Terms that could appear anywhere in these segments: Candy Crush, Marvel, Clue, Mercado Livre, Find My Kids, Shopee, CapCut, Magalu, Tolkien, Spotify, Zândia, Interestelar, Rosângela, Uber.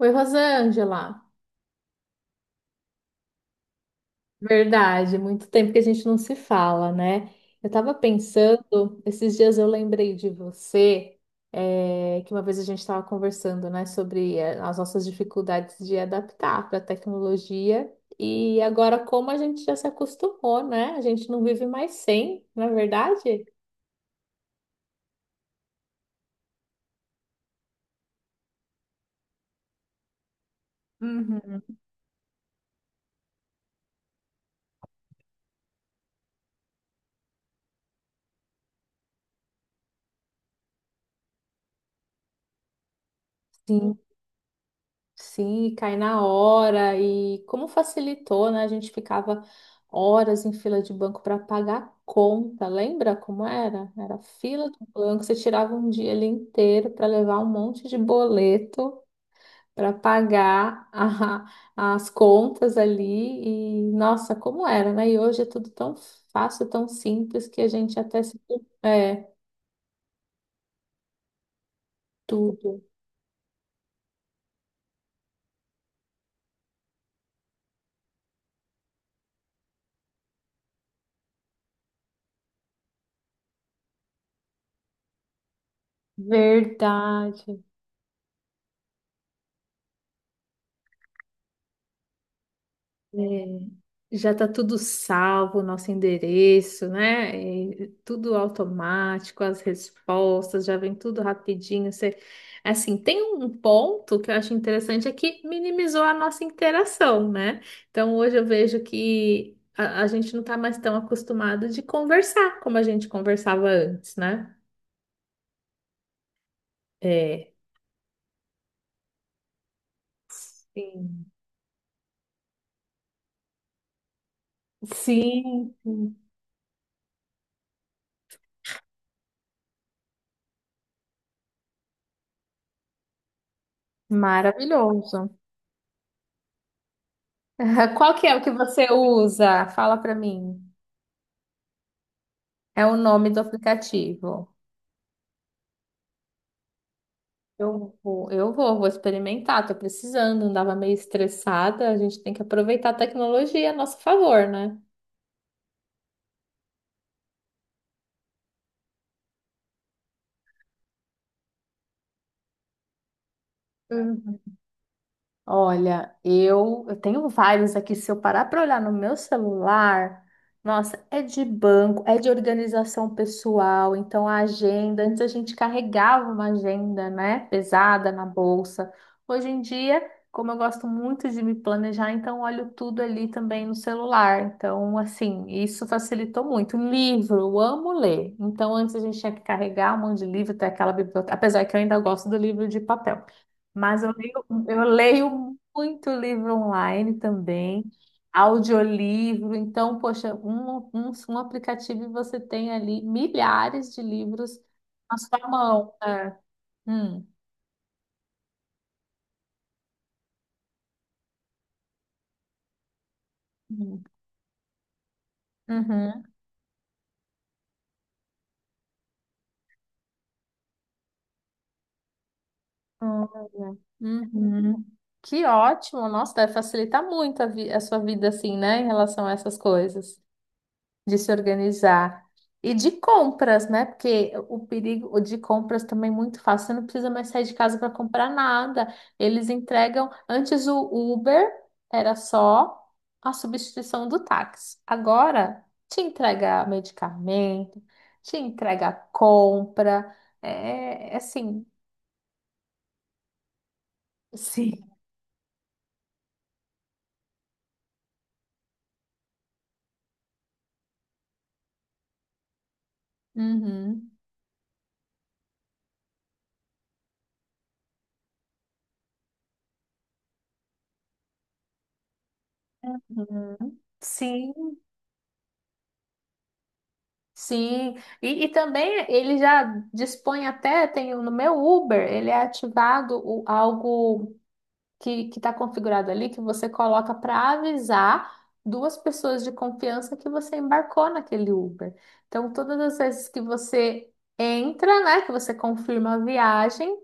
Oi, Rosângela. Verdade, muito tempo que a gente não se fala, né? Eu tava pensando, esses dias eu lembrei de você, que uma vez a gente estava conversando, né, sobre as nossas dificuldades de adaptar para a tecnologia e agora como a gente já se acostumou, né? A gente não vive mais sem, não é verdade? Uhum. Sim. Sim, e cai na hora e como facilitou, né? A gente ficava horas em fila de banco para pagar conta. Lembra como era? Era fila do banco, você tirava um dia ali inteiro para levar um monte de boleto para pagar as contas ali e nossa, como era, né? E hoje é tudo tão fácil, tão simples que a gente até se... É, tudo. Verdade. Já está tudo salvo, nosso endereço, né? E tudo automático, as respostas já vem tudo rapidinho. Você... Assim, tem um ponto que eu acho interessante é que minimizou a nossa interação, né? Então hoje eu vejo que a gente não está mais tão acostumado de conversar como a gente conversava antes, né? É. Sim, sim, sim. Maravilhoso. Qual que é o que você usa? Fala para mim. É o nome do aplicativo. Eu vou experimentar, tô precisando, andava meio estressada, a gente tem que aproveitar a tecnologia a nosso favor, né? Olha, eu tenho vários aqui. Se eu parar para olhar no meu celular, nossa, é de banco, é de organização pessoal. Então, a agenda, antes a gente carregava uma agenda, né, pesada na bolsa. Hoje em dia, como eu gosto muito de me planejar, então olho tudo ali também no celular. Então, assim, isso facilitou muito. Um livro, eu amo ler. Então, antes a gente tinha que carregar um monte de livro, até aquela biblioteca, apesar que eu ainda gosto do livro de papel. Mas eu leio muito livro online também, audiolivro. Então, poxa, um aplicativo e você tem ali milhares de livros na sua mão. É. Hum, hum, uhum, olha, uhum. Que ótimo! Nossa, deve facilitar muito a sua vida assim, né, em relação a essas coisas. De se organizar. E de compras, né? Porque o perigo de compras também é muito fácil. Você não precisa mais sair de casa para comprar nada. Eles entregam. Antes o Uber era só a substituição do táxi. Agora te entrega medicamento, te entrega compra. É assim. Sim. Uhum. Uhum. Sim. Sim, e também ele já dispõe até, tem no meu Uber, ele é ativado algo que está configurado ali, que você coloca para avisar duas pessoas de confiança que você embarcou naquele Uber. Então, todas as vezes que você entra, né, que você confirma a viagem,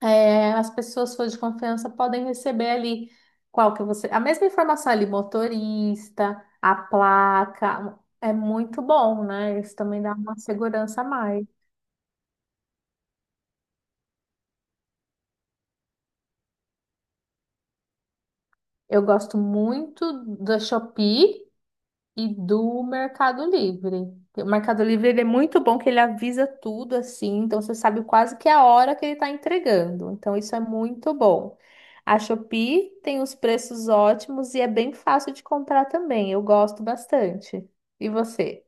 as pessoas suas de confiança podem receber ali qual que você, a mesma informação ali, motorista, a placa, é muito bom, né? Isso também dá uma segurança a mais. Eu gosto muito da Shopee e do Mercado Livre. O Mercado Livre ele é muito bom que ele avisa tudo assim, então você sabe quase que a hora que ele está entregando. Então isso é muito bom. A Shopee tem os preços ótimos e é bem fácil de comprar também. Eu gosto bastante. E você?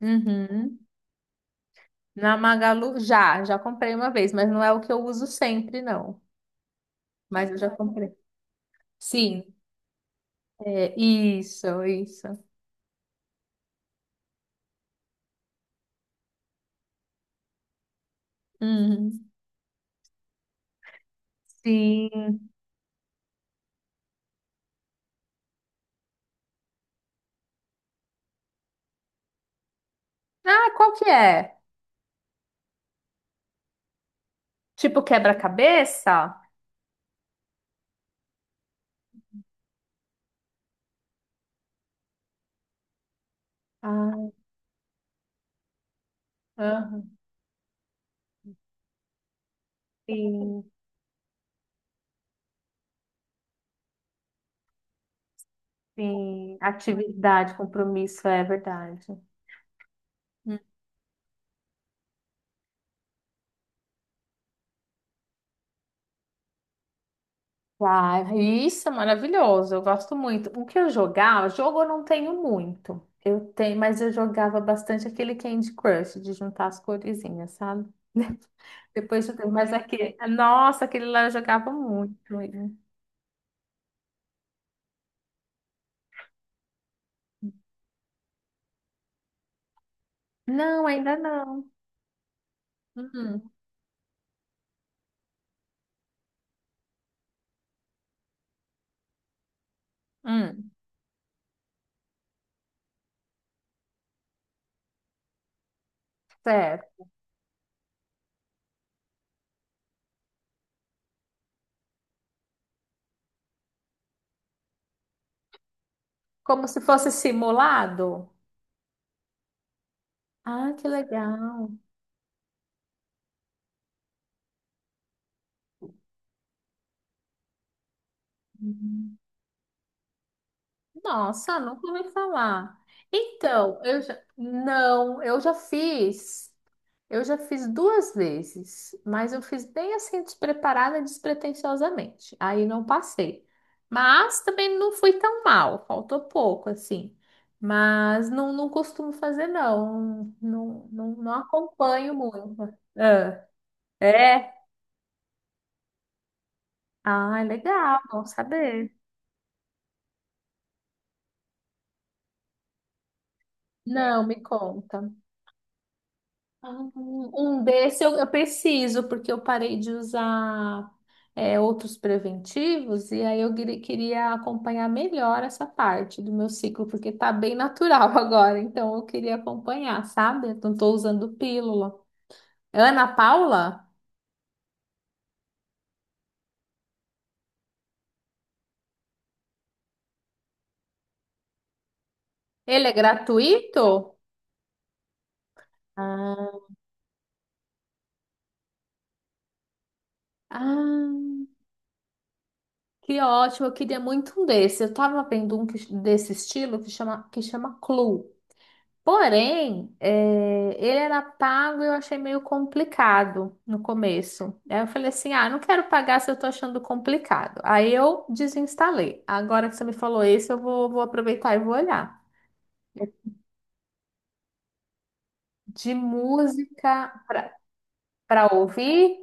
Uhum. Na Magalu já comprei uma vez, mas não é o que eu uso sempre, não. Mas eu já comprei. Sim, é isso, isso. Uhum. Sim. Ah, qual que é? Tipo quebra-cabeça? Ah, aham. Sim, sim. Atividade, compromisso, é verdade. Hum. Ah, isso é maravilhoso, eu gosto muito. O que eu jogava, jogo eu não tenho muito. Eu tenho, mas eu jogava bastante aquele Candy Crush, de juntar as coresinhas, sabe? Depois eu tenho, mas aquele, nossa, aquele lá eu jogava muito. Não, ainda não. Hum, hum, certo. Como se fosse simulado? Ah, que legal. Uhum. Nossa, nunca ouvi falar. Então, eu já... Não, eu já fiz. Eu já fiz duas vezes, mas eu fiz bem assim, despreparada, despretensiosamente. Aí não passei. Mas também não fui tão mal, faltou pouco, assim. Mas não, não costumo fazer, não. Não, não, não acompanho muito. Ah, é? Ah, legal, bom saber. Não, me conta. Ah, um desse eu preciso, porque eu parei de usar outros preventivos, e aí eu queria acompanhar melhor essa parte do meu ciclo, porque tá bem natural agora, então eu queria acompanhar, sabe? Eu não tô usando pílula. Ana Paula? Ele é gratuito? Ah, ah, que ótimo, eu queria muito um desse. Eu tava vendo um desse estilo que chama Clue. Porém, ele era pago e eu achei meio complicado no começo. Aí eu falei assim: ah, não quero pagar se eu tô achando complicado. Aí eu desinstalei. Agora que você me falou isso, eu vou aproveitar e vou olhar. De música para ouvir?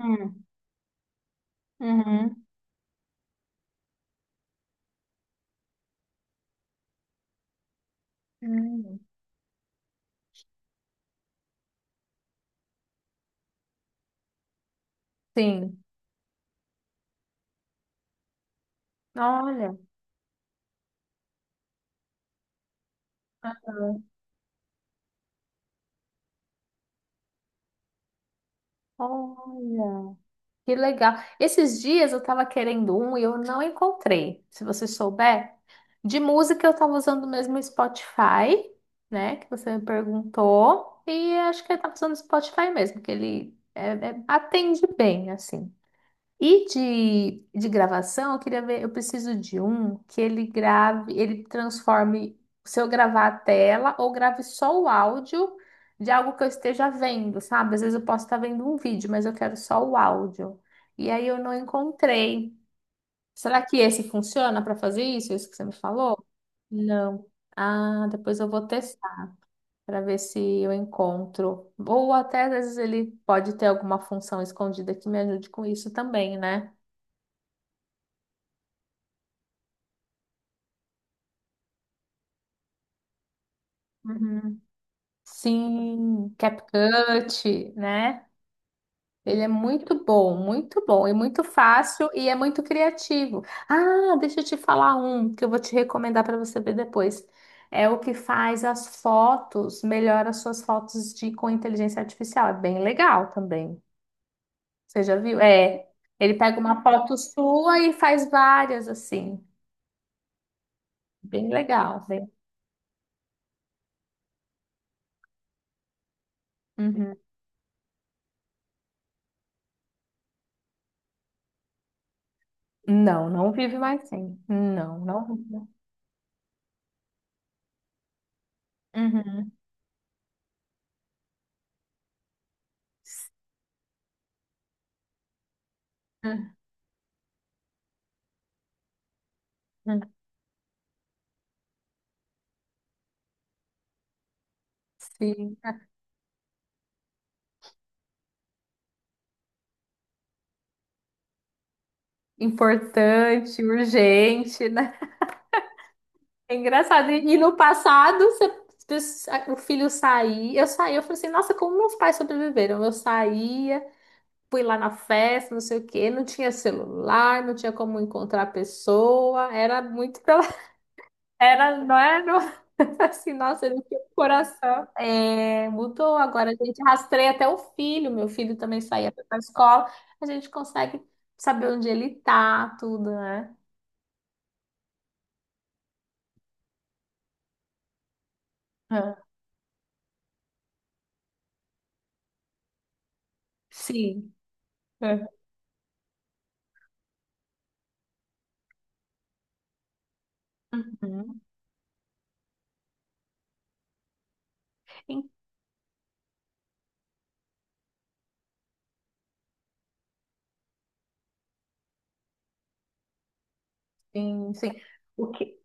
Hum, uhum. Hum, sim. Olha, olha. Que legal. Esses dias eu tava querendo um e eu não encontrei. Se você souber, de música eu tava usando mesmo o Spotify, né? Que você me perguntou. E acho que eu tava usando o Spotify mesmo, que ele atende bem, assim. E de gravação, eu queria ver, eu preciso de um que ele grave, ele transforme, se eu gravar a tela ou grave só o áudio de algo que eu esteja vendo, sabe? Às vezes eu posso estar vendo um vídeo, mas eu quero só o áudio. E aí eu não encontrei. Será que esse funciona para fazer isso? Isso que você me falou? Não. Ah, depois eu vou testar para ver se eu encontro. Ou até às vezes ele pode ter alguma função escondida que me ajude com isso também, né? Uhum. Sim, CapCut, né? Ele é muito bom e muito fácil e é muito criativo. Ah, deixa eu te falar um que eu vou te recomendar para você ver depois. É o que faz as fotos, melhora as suas fotos de com inteligência artificial. É bem legal também. Você já viu? É, ele pega uma foto sua e faz várias assim. Bem legal, bem. Uhum. Não, não vive mais sem. Não, não. Uhum. Sim, importante, urgente, né? É engraçado. E no passado, o filho saía, eu falei assim, nossa, como meus pais sobreviveram? Eu saía, fui lá na festa, não sei o quê, não tinha celular, não tinha como encontrar a pessoa, era muito pela... Era, não era, assim, nossa, ele tinha um coração. É, mudou, agora a gente rastreia até o filho, meu filho também saía para a escola, a gente consegue saber onde ele tá, tudo, né? Sim. Uhum. Uhum. Sim, sim. Sim. O que,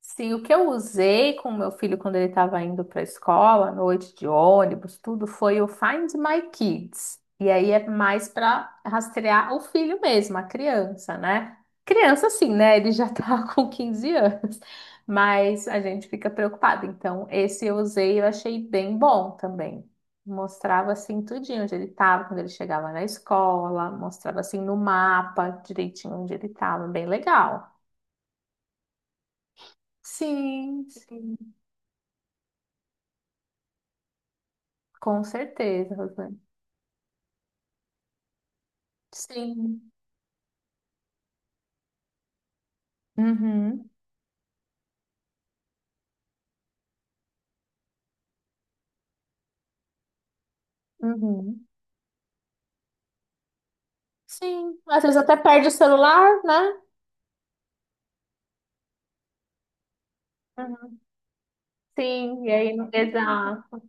sim, o que eu usei com o meu filho quando ele estava indo para a escola, à noite de ônibus, tudo foi o Find My Kids. E aí é mais para rastrear o filho mesmo, a criança, né? Criança, sim, né? Ele já tá com 15 anos, mas a gente fica preocupado. Então, esse eu usei, e eu achei bem bom também. Mostrava assim tudinho onde ele estava quando ele chegava na escola, mostrava assim no mapa direitinho onde ele estava, bem legal. Sim, sim. Com certeza, Rosane. Sim. Uhum, uhum. Sim. Às vezes até perde o celular, né? Uhum. Sim, e aí não. Exato.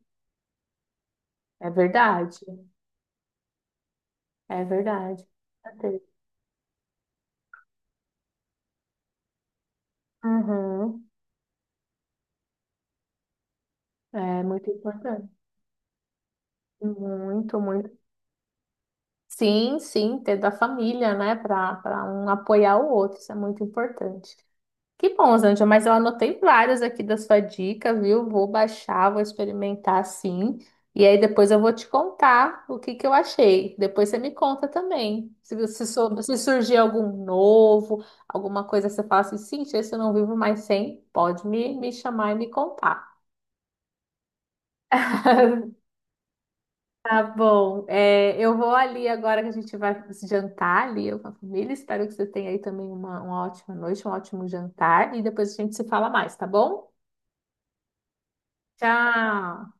É verdade. É verdade. Com certeza. Uhum. É muito importante. Muito, muito. Sim, sim, ter da família, né? Para um apoiar o outro, isso é muito importante. Que bom, Zândia, mas eu anotei várias aqui da sua dica, viu? Vou baixar, vou experimentar sim. E aí depois eu vou te contar o que que eu achei. Depois você me conta também. Se surgir algum novo, alguma coisa que você fala assim, sim, esse eu não vivo mais sem, pode me chamar e me contar. Tá bom. É, eu vou ali agora que a gente vai jantar ali, eu com a família. Espero que você tenha aí também uma ótima noite, um ótimo jantar. E depois a gente se fala mais, tá bom? Tchau!